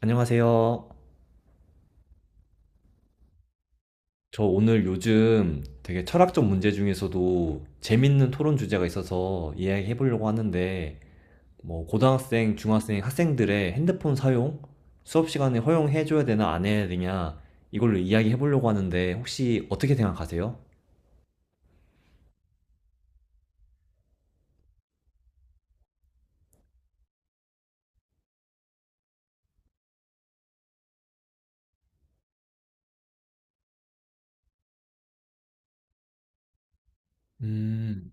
안녕하세요. 저 오늘 요즘 되게 철학적 문제 중에서도 재밌는 토론 주제가 있어서 이야기해 보려고 하는데, 뭐, 고등학생, 중학생, 학생들의 핸드폰 사용? 수업 시간에 허용해 줘야 되나 안 해야 되냐? 이걸로 이야기해 보려고 하는데, 혹시 어떻게 생각하세요? 음,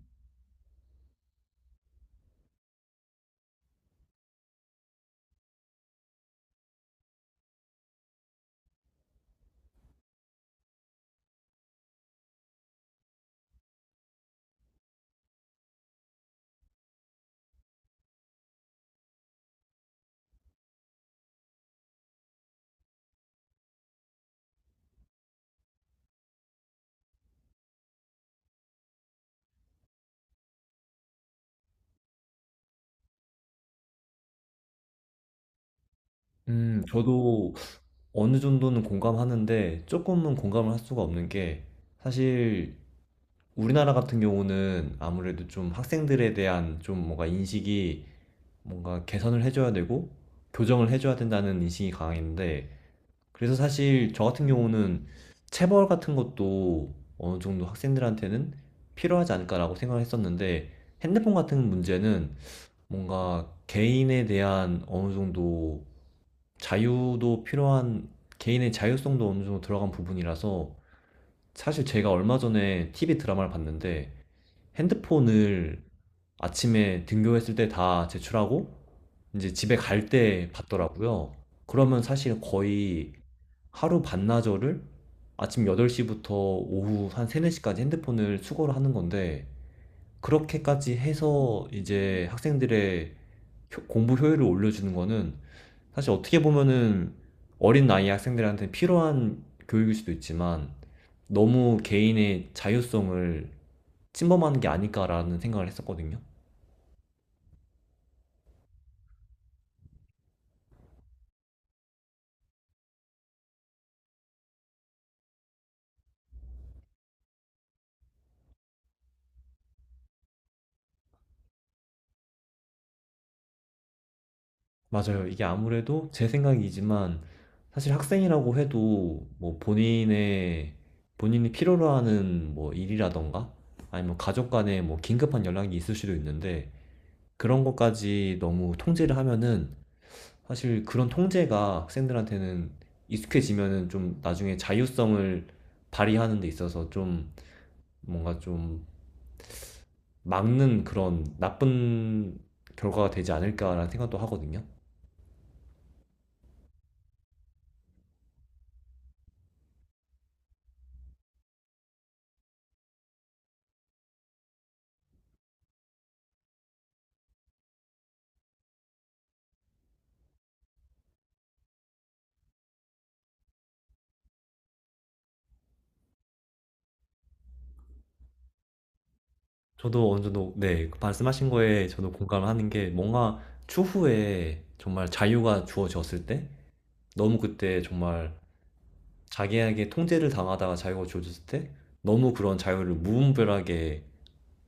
저도 어느 정도는 공감하는데, 조금은 공감을 할 수가 없는 게, 사실 우리나라 같은 경우는 아무래도 좀 학생들에 대한 좀 뭔가 인식이, 뭔가 개선을 해줘야 되고 교정을 해줘야 된다는 인식이 강했는데, 그래서 사실 저 같은 경우는 체벌 같은 것도 어느 정도 학생들한테는 필요하지 않을까라고 생각을 했었는데, 핸드폰 같은 문제는 뭔가 개인에 대한 어느 정도 자유도 필요한, 개인의 자율성도 어느 정도 들어간 부분이라서. 사실 제가 얼마 전에 TV 드라마를 봤는데, 핸드폰을 아침에 등교했을 때 다 제출하고 이제 집에 갈 때 받더라고요. 그러면 사실 거의 하루 반나절을, 아침 8시부터 오후 한 3, 4시까지 핸드폰을 수거를 하는 건데, 그렇게까지 해서 이제 학생들의 공부 효율을 올려주는 거는 사실 어떻게 보면은 어린 나이 학생들한테 필요한 교육일 수도 있지만, 너무 개인의 자유성을 침범하는 게 아닐까라는 생각을 했었거든요. 맞아요. 이게 아무래도 제 생각이지만 사실 학생이라고 해도 뭐 본인의 본인이 필요로 하는 뭐 일이라던가, 아니면 가족 간에 뭐 긴급한 연락이 있을 수도 있는데, 그런 것까지 너무 통제를 하면은 사실 그런 통제가 학생들한테는 익숙해지면은 좀 나중에 자율성을 발휘하는 데 있어서 좀 뭔가 좀 막는, 그런 나쁜 결과가 되지 않을까라는 생각도 하거든요. 저도 어느 정도, 네. 그 말씀하신 거에 저도 공감을 하는 게, 뭔가 추후에 정말 자유가 주어졌을 때, 너무 그때 정말 자기에게 통제를 당하다가 자유가 주어졌을 때 너무 그런 자유를 무분별하게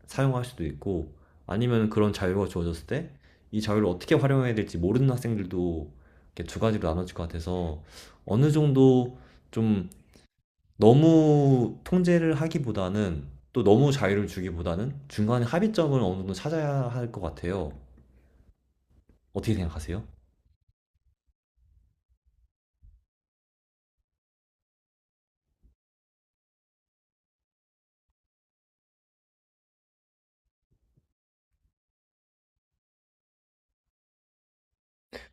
사용할 수도 있고, 아니면 그런 자유가 주어졌을 때 이 자유를 어떻게 활용해야 될지 모르는 학생들도, 이렇게 두 가지로 나눠질 것 같아서, 어느 정도 좀 너무 통제를 하기보다는 또 너무 자유를 주기보다는 중간에 합의점을 어느 정도 찾아야 할 것 같아요. 어떻게 생각하세요?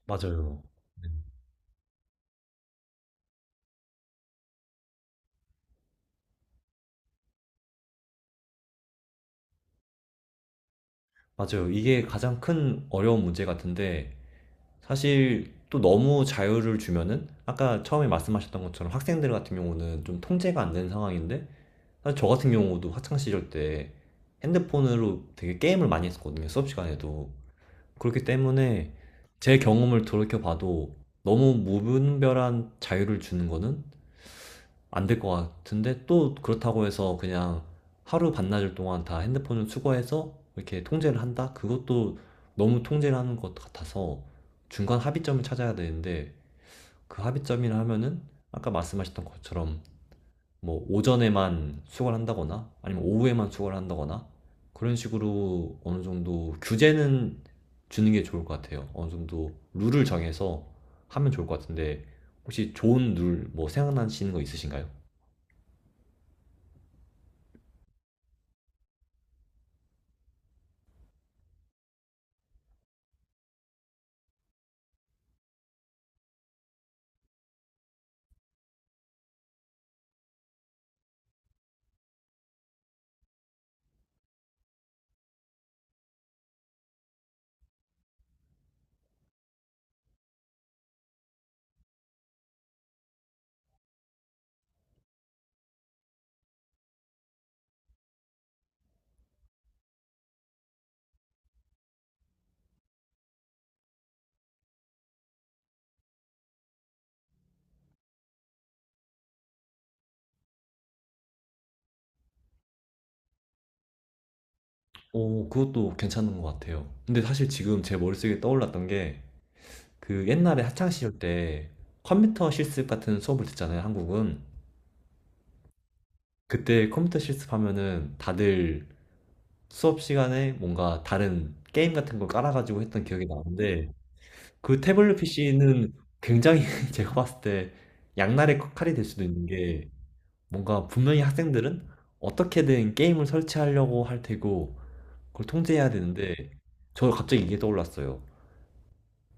맞아요. 네. 맞아요. 이게 가장 큰 어려운 문제 같은데, 사실 또 너무 자유를 주면은 아까 처음에 말씀하셨던 것처럼 학생들 같은 경우는 좀 통제가 안 되는 상황인데, 사실 저 같은 경우도 학창 시절 때 핸드폰으로 되게 게임을 많이 했었거든요. 수업 시간에도. 그렇기 때문에 제 경험을 돌이켜봐도 너무 무분별한 자유를 주는 거는 안 될 것 같은데, 또 그렇다고 해서 그냥 하루 반나절 동안 다 핸드폰을 수거해서 이렇게 통제를 한다? 그것도 너무 통제를 하는 것 같아서 중간 합의점을 찾아야 되는데, 그 합의점이라 하면은 아까 말씀하셨던 것처럼 뭐 오전에만 수거를 한다거나 아니면 오후에만 수거를 한다거나 그런 식으로 어느 정도 규제는 주는 게 좋을 것 같아요. 어느 정도 룰을 정해서 하면 좋을 것 같은데, 혹시 좋은 룰 뭐 생각나시는 거 있으신가요? 오, 그것도 괜찮은 것 같아요. 근데 사실 지금 제 머릿속에 떠올랐던 게, 그 옛날에 학창시절 때 컴퓨터 실습 같은 수업을 듣잖아요, 한국은. 그때 컴퓨터 실습하면은 다들 수업 시간에 뭔가 다른 게임 같은 걸 깔아 가지고 했던 기억이 나는데, 그 태블릿 PC는 굉장히, 제가 봤을 때 양날의 칼이 될 수도 있는 게, 뭔가 분명히 학생들은 어떻게든 게임을 설치하려고 할 테고 그걸 통제해야 되는데. 저 갑자기 이게 떠올랐어요.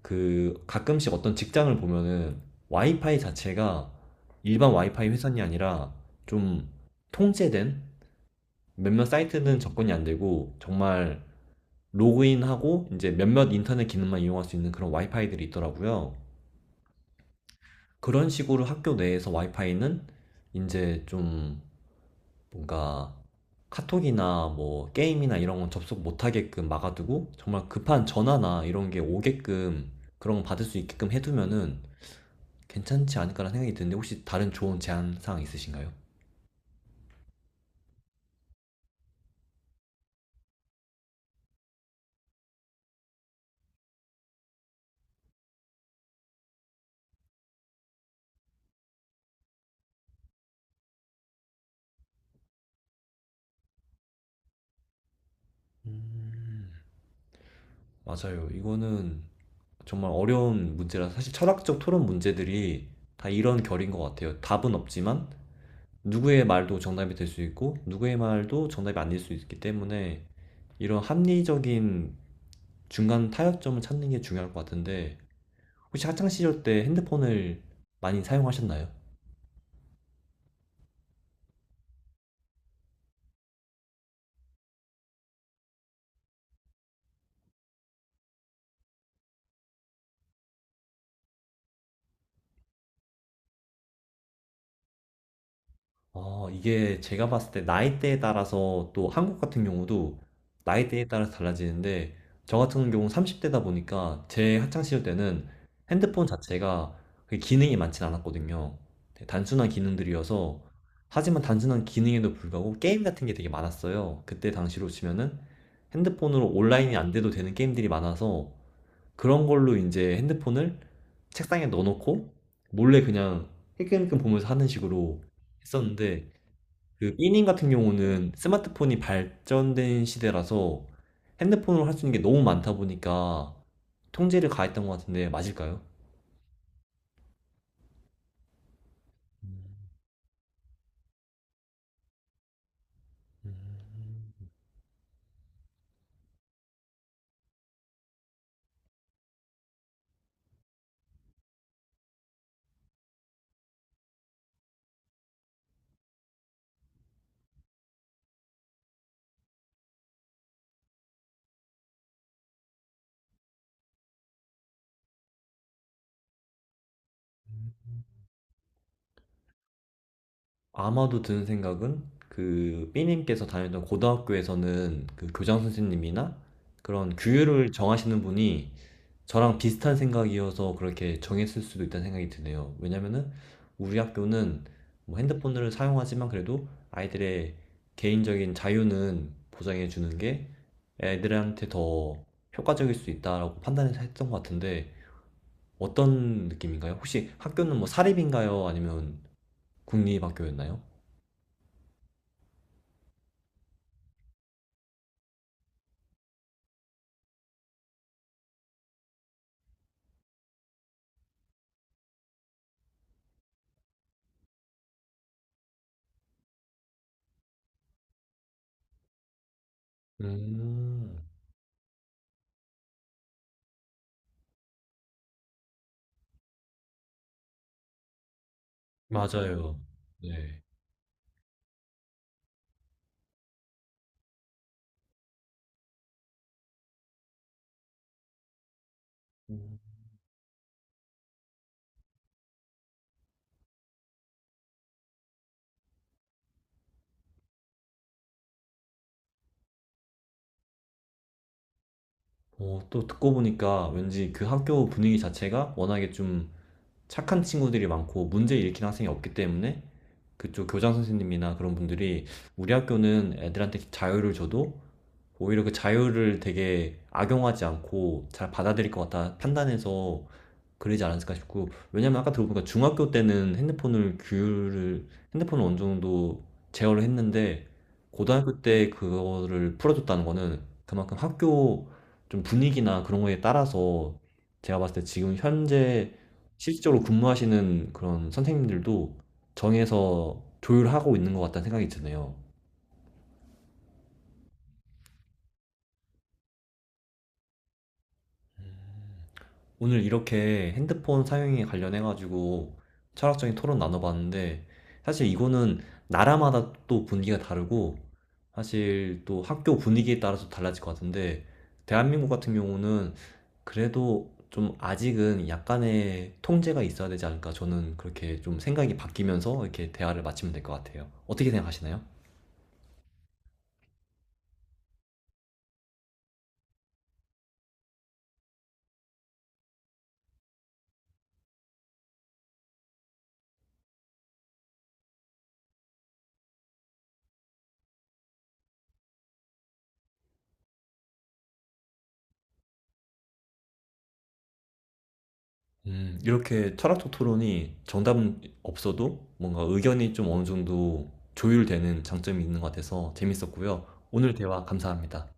그 가끔씩 어떤 직장을 보면은 와이파이 자체가 일반 와이파이 회선이 아니라 좀 통제된, 몇몇 사이트는 접근이 안 되고, 정말 로그인하고 이제 몇몇 인터넷 기능만 이용할 수 있는 그런 와이파이들이 있더라고요. 그런 식으로 학교 내에서 와이파이는 이제 좀 뭔가 카톡이나 뭐 게임이나 이런 건 접속 못하게끔 막아두고, 정말 급한 전화나 이런 게 오게끔 그런 거 받을 수 있게끔 해두면은 괜찮지 않을까라는 생각이 드는데, 혹시 다른 좋은 제안 사항 있으신가요? 맞아요. 이거는 정말 어려운 문제라, 사실 철학적 토론 문제들이 다 이런 결인 것 같아요. 답은 없지만 누구의 말도 정답이 될 수 있고, 누구의 말도 정답이 아닐 수 있기 때문에, 이런 합리적인 중간 타협점을 찾는 게 중요할 것 같은데, 혹시 학창 시절 때 핸드폰을 많이 사용하셨나요? 어, 이게 제가 봤을 때 나이대에 따라서, 또 한국 같은 경우도 나이대에 따라서 달라지는데, 저 같은 경우는 30대다 보니까 제 학창 시절 때는 핸드폰 자체가 그 기능이 많진 않았거든요. 되게 단순한 기능들이어서. 하지만 단순한 기능에도 불구하고 게임 같은 게 되게 많았어요. 그때 당시로 치면은 핸드폰으로 온라인이 안 돼도 되는 게임들이 많아서, 그런 걸로 이제 핸드폰을 책상에 넣어놓고 몰래 그냥 힐끔힐끔 보면서 하는 식으로 했었는데, 그 E님 같은 경우는 스마트폰이 발전된 시대라서 핸드폰으로 할 수 있는 게 너무 많다 보니까 통제를 가했던 것 같은데, 맞을까요? 아마도 드는 생각은, 그 B님께서 다녔던 고등학교에서는 그 교장 선생님이나 그런 규율을 정하시는 분이 저랑 비슷한 생각이어서 그렇게 정했을 수도 있다는 생각이 드네요. 왜냐면은 우리 학교는 뭐 핸드폰을 사용하지만 그래도 아이들의 개인적인 자유는 보장해 주는 게 애들한테 더 효과적일 수 있다라고 판단해서 했던 것 같은데, 어떤 느낌인가요? 혹시 학교는 뭐 사립인가요? 아니면 국립학교였나요? 음, 맞아요. 네. 어, 또 듣고 보니까 왠지 그 학교 분위기 자체가 워낙에 좀 착한 친구들이 많고 문제 일으키는 학생이 없기 때문에 그쪽 교장 선생님이나 그런 분들이, 우리 학교는 애들한테 자유를 줘도 오히려 그 자유를 되게 악용하지 않고 잘 받아들일 것 같다 판단해서 그러지 않았을까 싶고, 왜냐면 아까 들어보니까 중학교 때는 핸드폰을 어느 정도 제어를 했는데 고등학교 때 그거를 풀어줬다는 거는, 그만큼 학교 좀 분위기나 그런 거에 따라서, 제가 봤을 때 지금 현재 실질적으로 근무하시는 그런 선생님들도 정해서 조율하고 있는 것 같다는 생각이 드네요. 오늘 이렇게 핸드폰 사용에 관련해가지고 철학적인 토론 나눠봤는데, 사실 이거는 나라마다 또 분위기가 다르고, 사실 또 학교 분위기에 따라서 달라질 것 같은데, 대한민국 같은 경우는 그래도 좀 아직은 약간의 통제가 있어야 되지 않을까. 저는 그렇게 좀 생각이 바뀌면서 이렇게 대화를 마치면 될 것 같아요. 어떻게 생각하시나요? 이렇게 철학적 토론이 정답은 없어도 뭔가 의견이 좀 어느 정도 조율되는 장점이 있는 것 같아서 재밌었고요. 오늘 대화 감사합니다.